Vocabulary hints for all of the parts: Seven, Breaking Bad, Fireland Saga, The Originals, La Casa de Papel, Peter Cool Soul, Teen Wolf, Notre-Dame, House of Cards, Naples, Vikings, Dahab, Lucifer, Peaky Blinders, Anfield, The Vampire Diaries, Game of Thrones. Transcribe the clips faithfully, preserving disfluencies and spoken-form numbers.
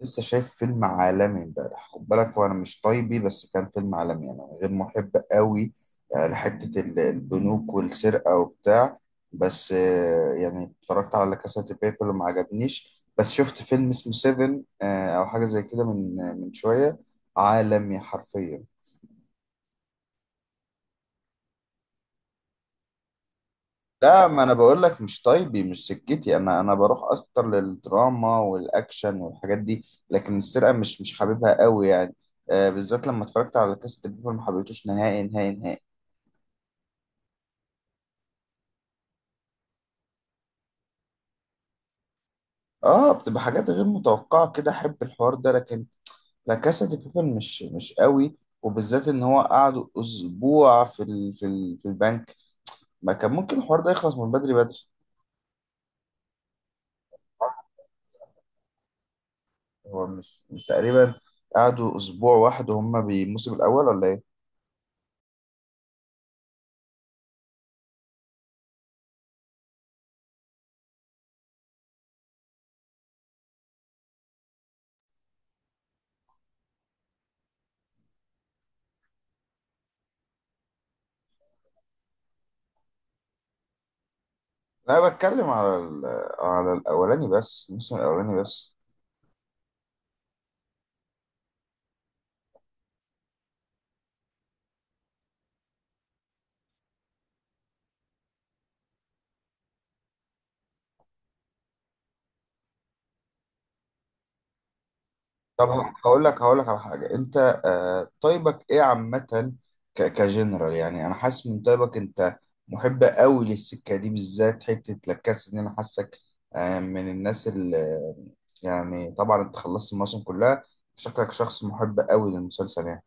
لسه شايف فيلم عالمي امبارح. خد بالك، هو انا مش طيبي، بس كان فيلم عالمي انا غير محب قوي. آه، لحته ال- البنوك والسرقه وبتاع. بس آه، يعني اتفرجت على لا كاسا دي بيبل وما عجبنيش. بس شفت فيلم اسمه سيفن، آه، او حاجه زي كده من آه، من شويه. عالمي حرفيا. لا، ما انا بقول لك مش طيبي، مش سكتي. انا انا بروح اكتر للدراما والاكشن والحاجات دي. لكن السرقه مش مش حاببها قوي يعني. آه بالذات لما اتفرجت على كاست بيبل ما حبيتوش نهائي نهائي نهائي. اه، بتبقى حاجات غير متوقعه كده، احب الحوار ده لكن لا كاسا دي بيبل مش مش قوي. وبالذات ان هو قعدوا اسبوع في ال في ال في البنك، ما كان ممكن الحوار ده يخلص من بدري بدري. هو مش مش تقريبا قعدوا اسبوع واحد وهم بي- الموسم الاول ولا ايه؟ لا، بتكلم على ال... على الاولاني بس، الموسم الاولاني بس. طب اه، هقول لك هقول لك على حاجه. انت آه، طيبك ايه عامه؟ ك... كجنرال، يعني انا حاسس من طيبك انت محب قوي للسكه دي، بالذات حته لكاس ان انا حاسك آه، من الناس اللي، يعني طبعا انت خلصت الموسم كلها، شكلك شخص محب قوي للمسلسل يعني.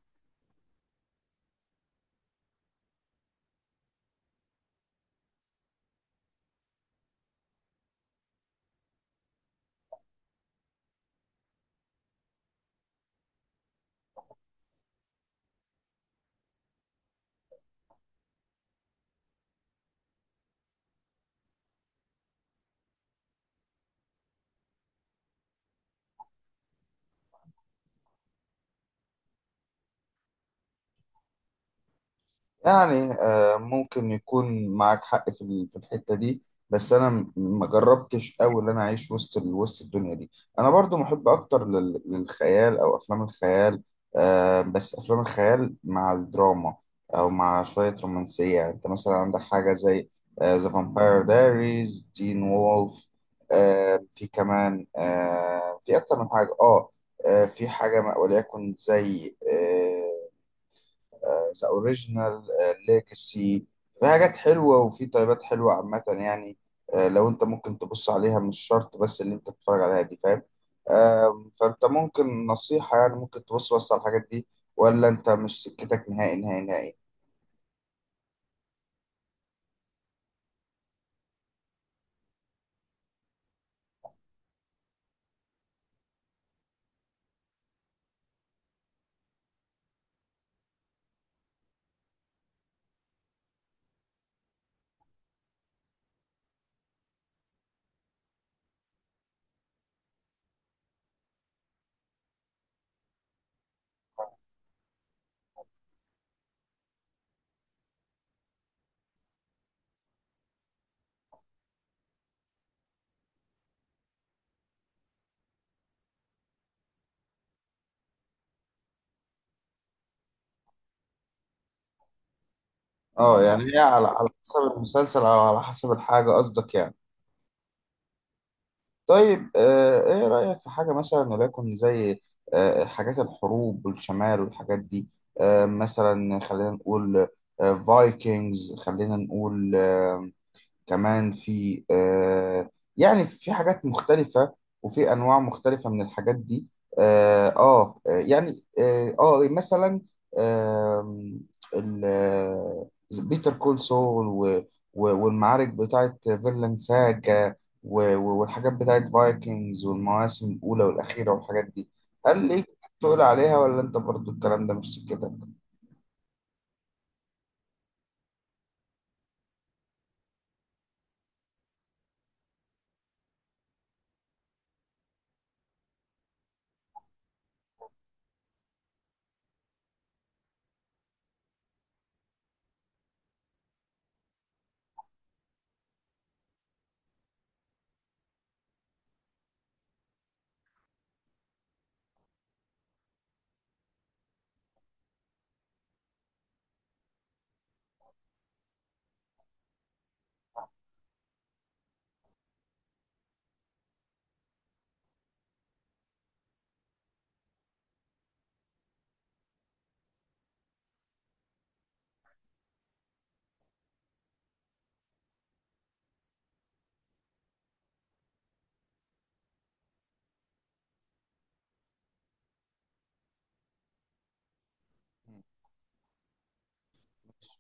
يعني آه، ممكن يكون معاك حق في ال- في الحتة دي. بس انا م- ما جربتش قوي ان انا اعيش وسط ال- وسط الدنيا دي. انا برضو محب اكتر لل- للخيال او افلام الخيال. آه، بس افلام الخيال مع الدراما، او مع شوية رومانسية. يعني انت مثلا عندك حاجة زي ذا فامباير دايريز، تين وولف. في كمان آه، في اكتر من حاجة، اه. آه، في حاجة ما- وليكن زي آه، ذا اوريجينال، ليجاسي. في حاجات حلوه وفي طيبات حلوه عامه يعني. آه، لو انت ممكن تبص عليها، مش شرط بس اللي انت بتتفرج عليها دي، فاهم؟ آم، فانت ممكن نصيحه، يعني ممكن تبص بس على الحاجات دي، ولا انت مش سكتك نهائي نهائي نهائي؟ اه، يعني هي على على حسب المسلسل او على حسب الحاجه قصدك يعني. طيب آه، ايه رأيك في حاجة مثلا وليكن زي آه، حاجات الحروب والشمال والحاجات دي، آه، مثلا خلينا نقول آه، فايكنجز، خلينا نقول كمان في آه يعني في حاجات مختلفة وفي أنواع مختلفة من الحاجات دي. آه, آه يعني آه, آه مثلا آه ال- آه، بيتر كول سول، و- و- والمعارك بتاعت فيرلاند ساجا، و- و- والحاجات بتاعت فايكنجز والمواسم الأولى والأخيرة والحاجات دي. هل ليك تقول عليها، ولا أنت برضو الكلام ده مش سكتك؟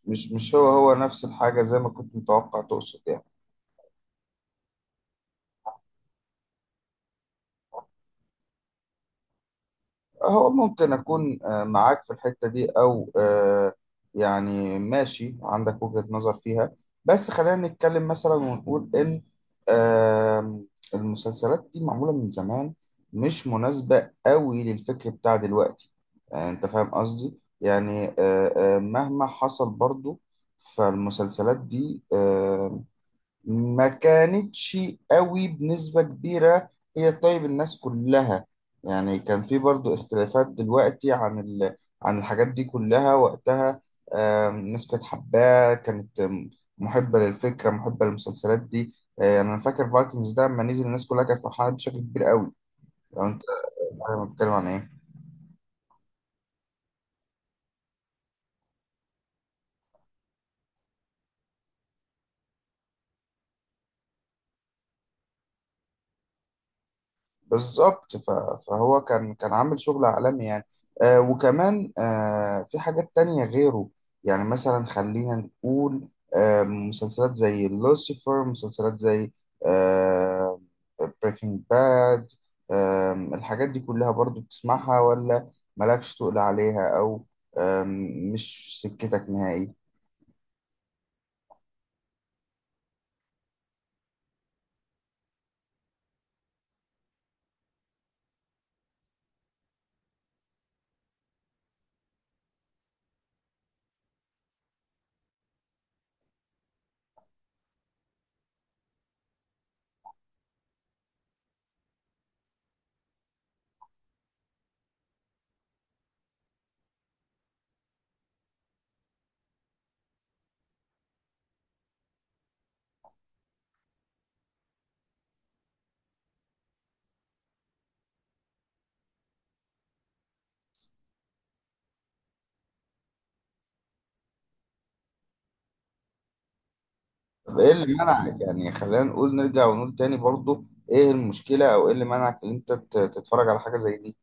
مش مش هو هو نفس الحاجة زي ما كنت متوقع تقصد يعني. هو ممكن أكون آه، معاك في الحتة دي، أو آه، يعني ماشي عندك وجهة نظر فيها. بس خلينا نتكلم مثلا ونقول إن آم، المسلسلات دي معمولة من زمان، مش مناسبة قوي للفكر بتاع دلوقتي. آه، أنت فاهم قصدي؟ يعني آه، آه، مهما حصل برضو فالمسلسلات دي آه، ما كانتش قوي بنسبة كبيرة هي طيب الناس كلها. يعني كان في برضو اختلافات دلوقتي عن ال... عن الحاجات دي كلها وقتها. آم، الناس كانت حباه، كانت آم، محبة للفكرة، محبة للمسلسلات دي. آه، يعني أنا فاكر فايكنجز ده لما نزل الناس كلها كانت فرحانة بشكل كبير قوي، لو أنت فاهم أنا بتكلم عن إيه. بالظبط. ف- فهو كان كان عامل شغل عالمي يعني. آه وكمان آه في حاجات تانية غيره. يعني مثلا خلينا نقول آه مسلسلات زي لوسيفر، مسلسلات زي آه بريكنج باد. آه الحاجات دي كلها برضو بتسمعها، ولا مالكش تقول عليها، أو آه مش سكتك نهائي؟ طب ايه اللي منعك، يعني خلينا نقول نرجع ونقول تاني برضو ايه المشكلة او ايه اللي منعك ان انت تت- تتفرج على حاجة زي دي؟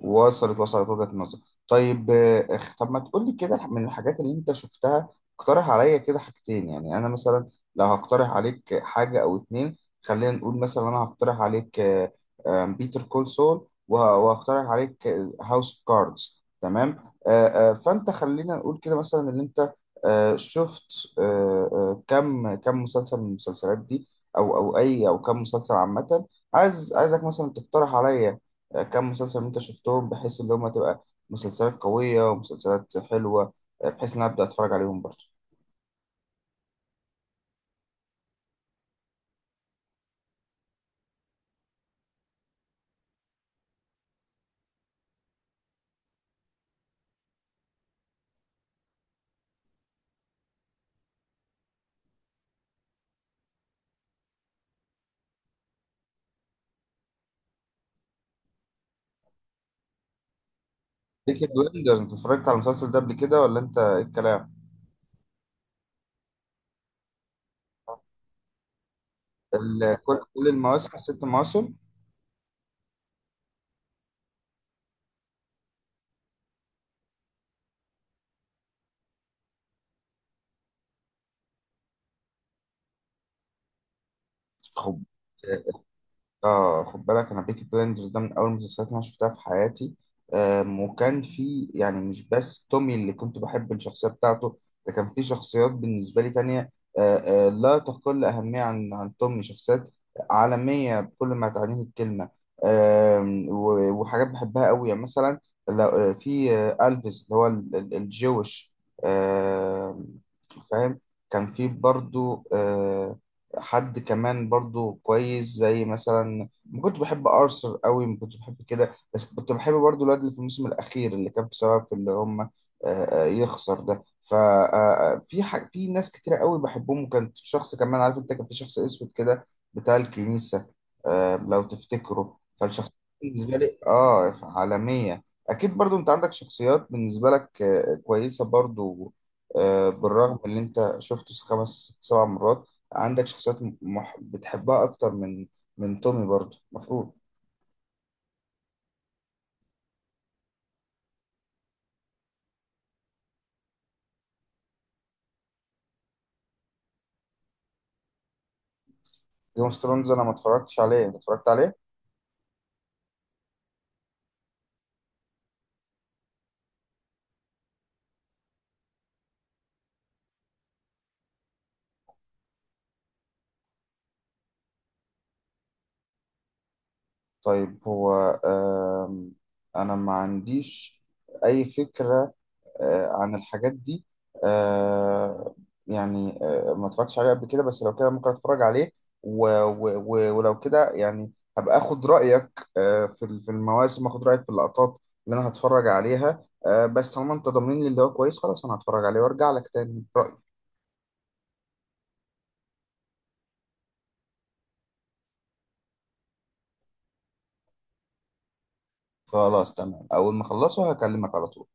وصلت وصلت وجهة النظر. طيب آه، اخ طب ما تقول لي كده من الحاجات اللي انت شفتها، اقترح عليا كده حاجتين. يعني انا مثلا لو هقترح عليك حاجة او اتنين، خلينا نقول مثلا انا هقترح عليك بيتر كول سول، وهقترح عليك هاوس اوف كاردز، تمام. آه، آه، فانت خلينا نقول كده مثلا اللي انت آه، شفت آه، آه، كم كم مسلسل من المسلسلات دي، او او اي او كم مسلسل عامة. عايز عايزك مثلا تقترح عليا آه، كم مسلسل انت شفتهم بحيث ان هم تبقى مسلسلات قوية ومسلسلات حلوة، آه، بحيث ان أنا ابدا اتفرج عليهم برضه. بيكي بلندرز، انت اتفرجت على المسلسل ده قبل كده، ولا انت ايه الكلام؟ ال- كل كل المواسم، ست مواسم. خب، اه خد بالك، انا بيكي بلايندرز ده من اول المسلسلات اللي انا شفتها في حياتي. آم، وكان في يعني مش بس تومي اللي كنت بحب الشخصيه بتاعته، ده كان في شخصيات بالنسبه لي تانية آه، آه، لا تقل اهميه عن عن تومي، شخصيات عالميه بكل ما تعنيه الكلمه. آم، و- وحاجات بحبها قوي يعني مثلا، لو- آه، في آه، الفيس اللي هو ال- ال- الجويش. آم، فاهم. كان في برضو آه، حد كمان برضو كويس، زي مثلا ما كنتش بحب ارثر قوي، ما كنتش بحب كده، بس كنت بحب برضو الواد اللي في الموسم الاخير اللي كان بسبب في اللي هم آه، آه، يخسر ده. ففي ح... في ناس كتيرة قوي بحبهم، وكان شخص كمان، عارف انت كان في شخص اسود كده بتاع الكنيسة. آه، لو تفتكره، فالشخصيات بالنسبة لي اه عالمية. اكيد برضو انت عندك شخصيات بالنسبة لك آه، كويسة برضو. آه، بالرغم اللي انت شفته خمس سبع مرات، عندك شخصيات م- مح... بتحبها اكتر من من تومي برضه المفروض. جيم اوف ثرونز انا ما اتفرجتش عليه، انت اتفرجت عليه. طيب هو آم... انا ما عنديش اي فكرة آه، عن الحاجات دي. آه، يعني آه، ما اتفرجتش عليه قبل كده، بس لو كده ممكن اتفرج عليه. و... و... و... ولو كده يعني هبقى اخد رايك آه، في ال- في المواسم، اخد رايك في اللقطات اللي انا هتفرج عليها. آه، بس طالما انت ضامن لي اللي هو كويس، خلاص انا هتفرج عليه وارجع لك تاني برأيي. خلاص تمام، أول ما أخلصه هكلمك على طول.